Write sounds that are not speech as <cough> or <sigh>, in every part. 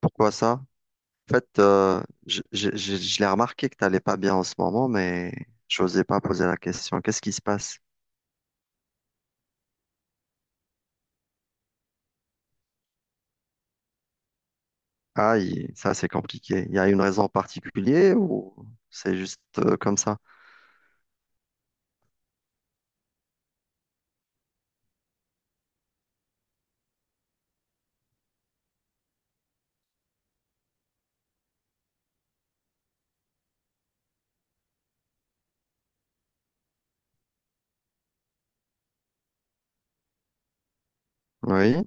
Pourquoi ça? En fait, je l'ai remarqué que t'allais pas bien en ce moment, mais je n'osais pas poser la question. Qu'est-ce qui se passe? Aïe, ça c'est compliqué. Il y a une raison particulière ou c'est juste comme ça? Oui.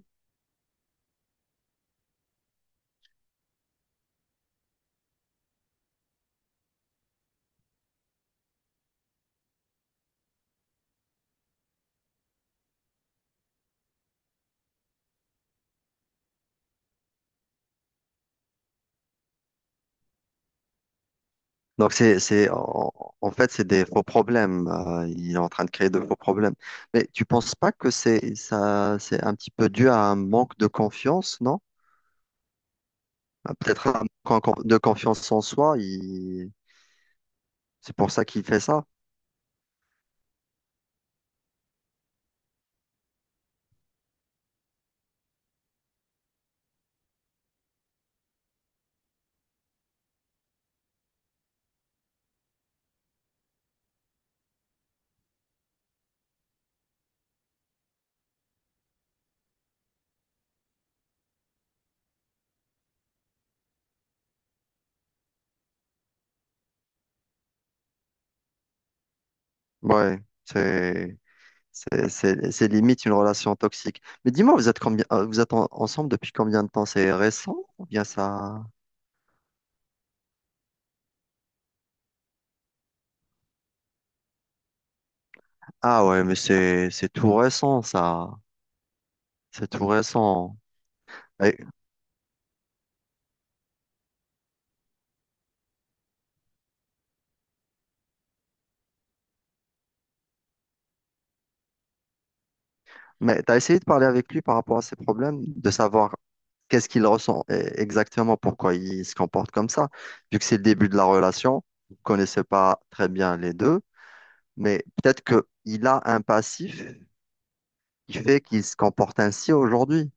Donc en fait, c'est des faux problèmes. Il est en train de créer de faux problèmes. Mais tu penses pas que c'est un petit peu dû à un manque de confiance, non? Ah, peut-être un de confiance en soi. C'est pour ça qu'il fait ça. Ouais, c'est. C'est limite une relation toxique. Mais dis-moi, vous êtes ensemble depuis combien de temps? C'est récent ou bien ça? Ah ouais, mais c'est tout récent ça. C'est tout récent. Et- mais t'as essayé de parler avec lui par rapport à ses problèmes, de savoir qu'est-ce qu'il ressent exactement, pourquoi il se comporte comme ça. Vu que c'est le début de la relation, vous ne connaissez pas très bien les deux, mais peut-être que il a un passif qui fait qu'il se comporte ainsi aujourd'hui.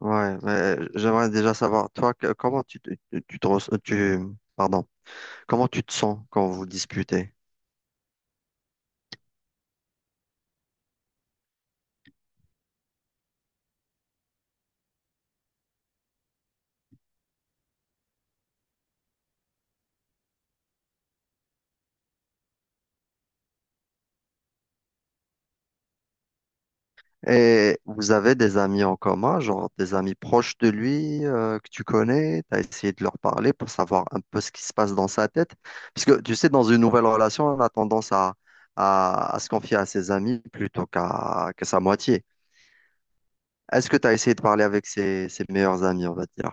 Ouais, mais j'aimerais déjà savoir, toi, que- comment tu, te- tu te res- tu- pardon, comment tu te sens quand vous disputez? Et vous avez des amis en commun, genre des amis proches de lui que tu connais, tu as essayé de leur parler pour savoir un peu ce qui se passe dans sa tête. Parce que tu sais, dans une nouvelle relation, on a tendance à se confier à ses amis plutôt qu'à que sa moitié. Est-ce que tu as essayé de parler avec ses meilleurs amis, on va dire?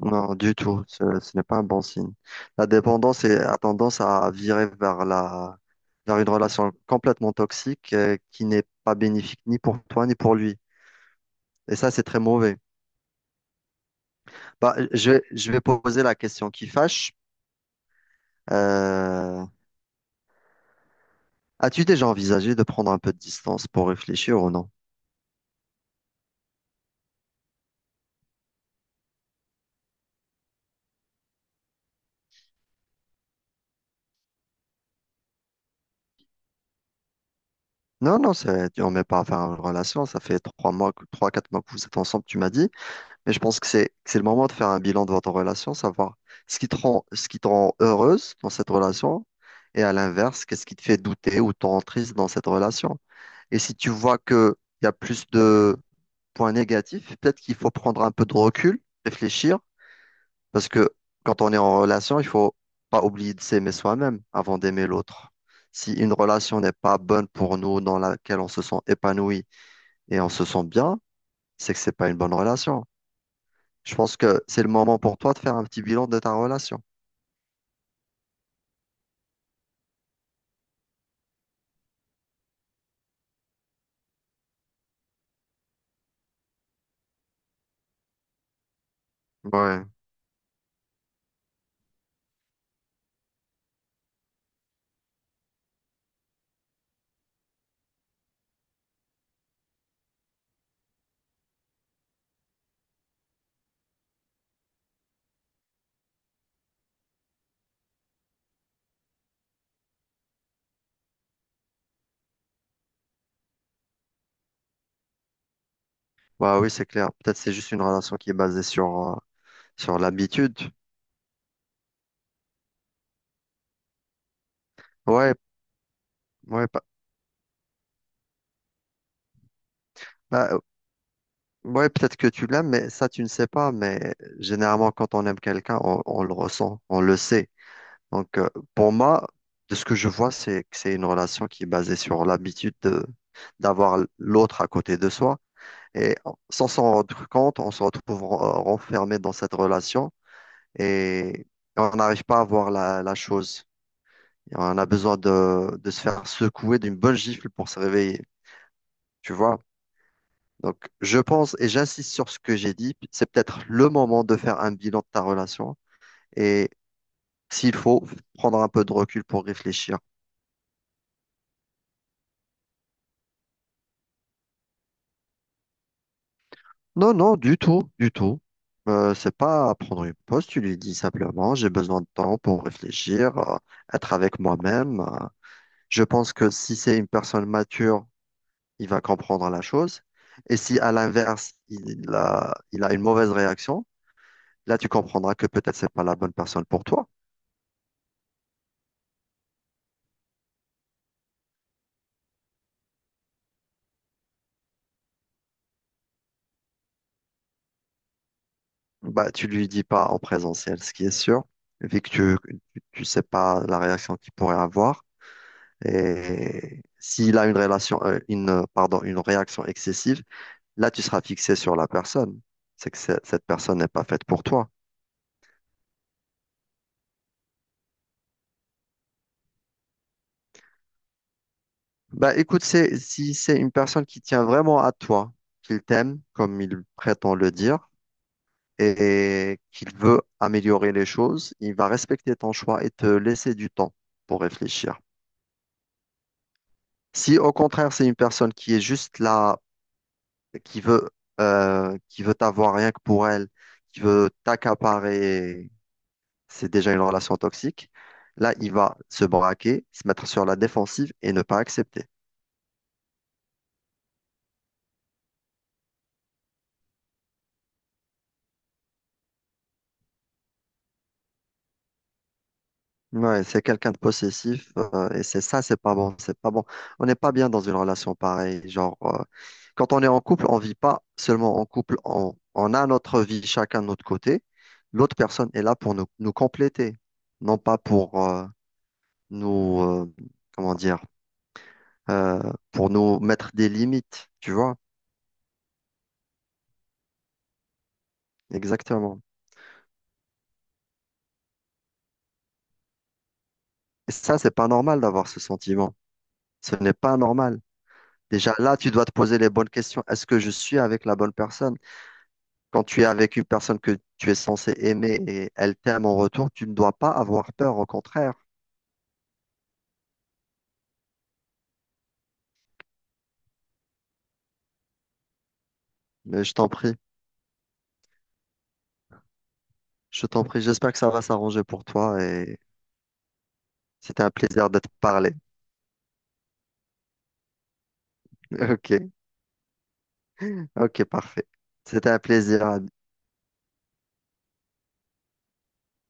Non, du tout. Ce n'est pas un bon signe. La dépendance a tendance à virer vers vers une relation complètement toxique qui n'est pas bénéfique ni pour toi ni pour lui. Et ça, c'est très mauvais. Bah, je vais poser la question qui fâche. Euh, as-tu déjà envisagé de prendre un peu de distance pour réfléchir ou non? Non, non, c'est, on met pas à faire une relation. Ça fait trois, quatre mois que vous êtes ensemble, tu m'as dit. Et je pense que c'est le moment de faire un bilan de votre relation, savoir ce qui te rend heureuse dans cette relation et à l'inverse, qu'est-ce qui te fait douter ou te rend triste dans cette relation. Et si tu vois qu'il y a plus de points négatifs, peut-être qu'il faut prendre un peu de recul, réfléchir, parce que quand on est en relation, il faut pas oublier de s'aimer soi-même avant d'aimer l'autre. Si une relation n'est pas bonne pour nous, dans laquelle on se sent épanoui et on se sent bien, c'est que c'est pas une bonne relation. Je pense que c'est le moment pour toi de faire un petit bilan de ta relation. Ouais, bah oui, c'est clair. Peut-être c'est juste une relation qui est basée sur, sur l'habitude. Ouais, ouais, pa- bah, ouais, peut-être que tu l'aimes, mais ça, tu ne sais pas. Mais généralement, quand on aime quelqu'un, on le ressent, on le sait. Donc, pour moi, de ce que je vois, c'est que c'est une relation qui est basée sur l'habitude d'avoir l'autre à côté de soi. Et sans s'en rendre compte, on se retrouve renfermé dans cette relation. Et on n'arrive pas à voir la chose. Et on a besoin de se faire secouer d'une bonne gifle pour se réveiller, tu vois. Donc, je pense et j'insiste sur ce que j'ai dit, c'est peut-être le moment de faire un bilan de ta relation et s'il faut, prendre un peu de recul pour réfléchir. Non, non, du tout, du tout. C'est pas à prendre une pause, tu lui dis simplement, j'ai besoin de temps pour réfléchir, être avec moi-même. Je pense que si c'est une personne mature, il va comprendre la chose. Et si à l'inverse, il a une mauvaise réaction, là, tu comprendras que peut-être c'est pas la bonne personne pour toi. Bah, tu lui dis pas en présentiel, ce qui est sûr, vu que tu sais pas la réaction qu'il pourrait avoir. Et s'il a une pardon, une réaction excessive, là, tu seras fixé sur la personne. Cette personne n'est pas faite pour toi. Bah écoute, c'est, si c'est une personne qui tient vraiment à toi, qu'il t'aime, comme il prétend le dire, et qu'il veut améliorer les choses, il va respecter ton choix et te laisser du temps pour réfléchir. Si au contraire, c'est une personne qui est juste là, qui veut, qui veut t'avoir rien que pour elle, qui veut t'accaparer, c'est déjà une relation toxique, là, il va se braquer, se mettre sur la défensive et ne pas accepter. Ouais, c'est quelqu'un de possessif et c'est ça, c'est pas bon, c'est pas bon. On n'est pas bien dans une relation pareille. Genre, quand on est en couple, on vit pas seulement en couple, on a notre vie chacun de notre côté. L'autre personne est là pour nous, nous compléter, non pas pour nous, euh, comment dire, euh, pour nous mettre des limites, tu vois, exactement. Et ça, c'est pas normal d'avoir ce sentiment. Ce n'est pas normal. Déjà là, tu dois te poser les bonnes questions. Est-ce que je suis avec la bonne personne? Quand tu es avec une personne que tu es censé aimer et elle t'aime en retour, tu ne dois pas avoir peur, au contraire. Mais je t'en prie, j'espère que ça va s'arranger pour toi et c'était un plaisir de te parler. <laughs> Ok, ok, parfait. C'était un plaisir.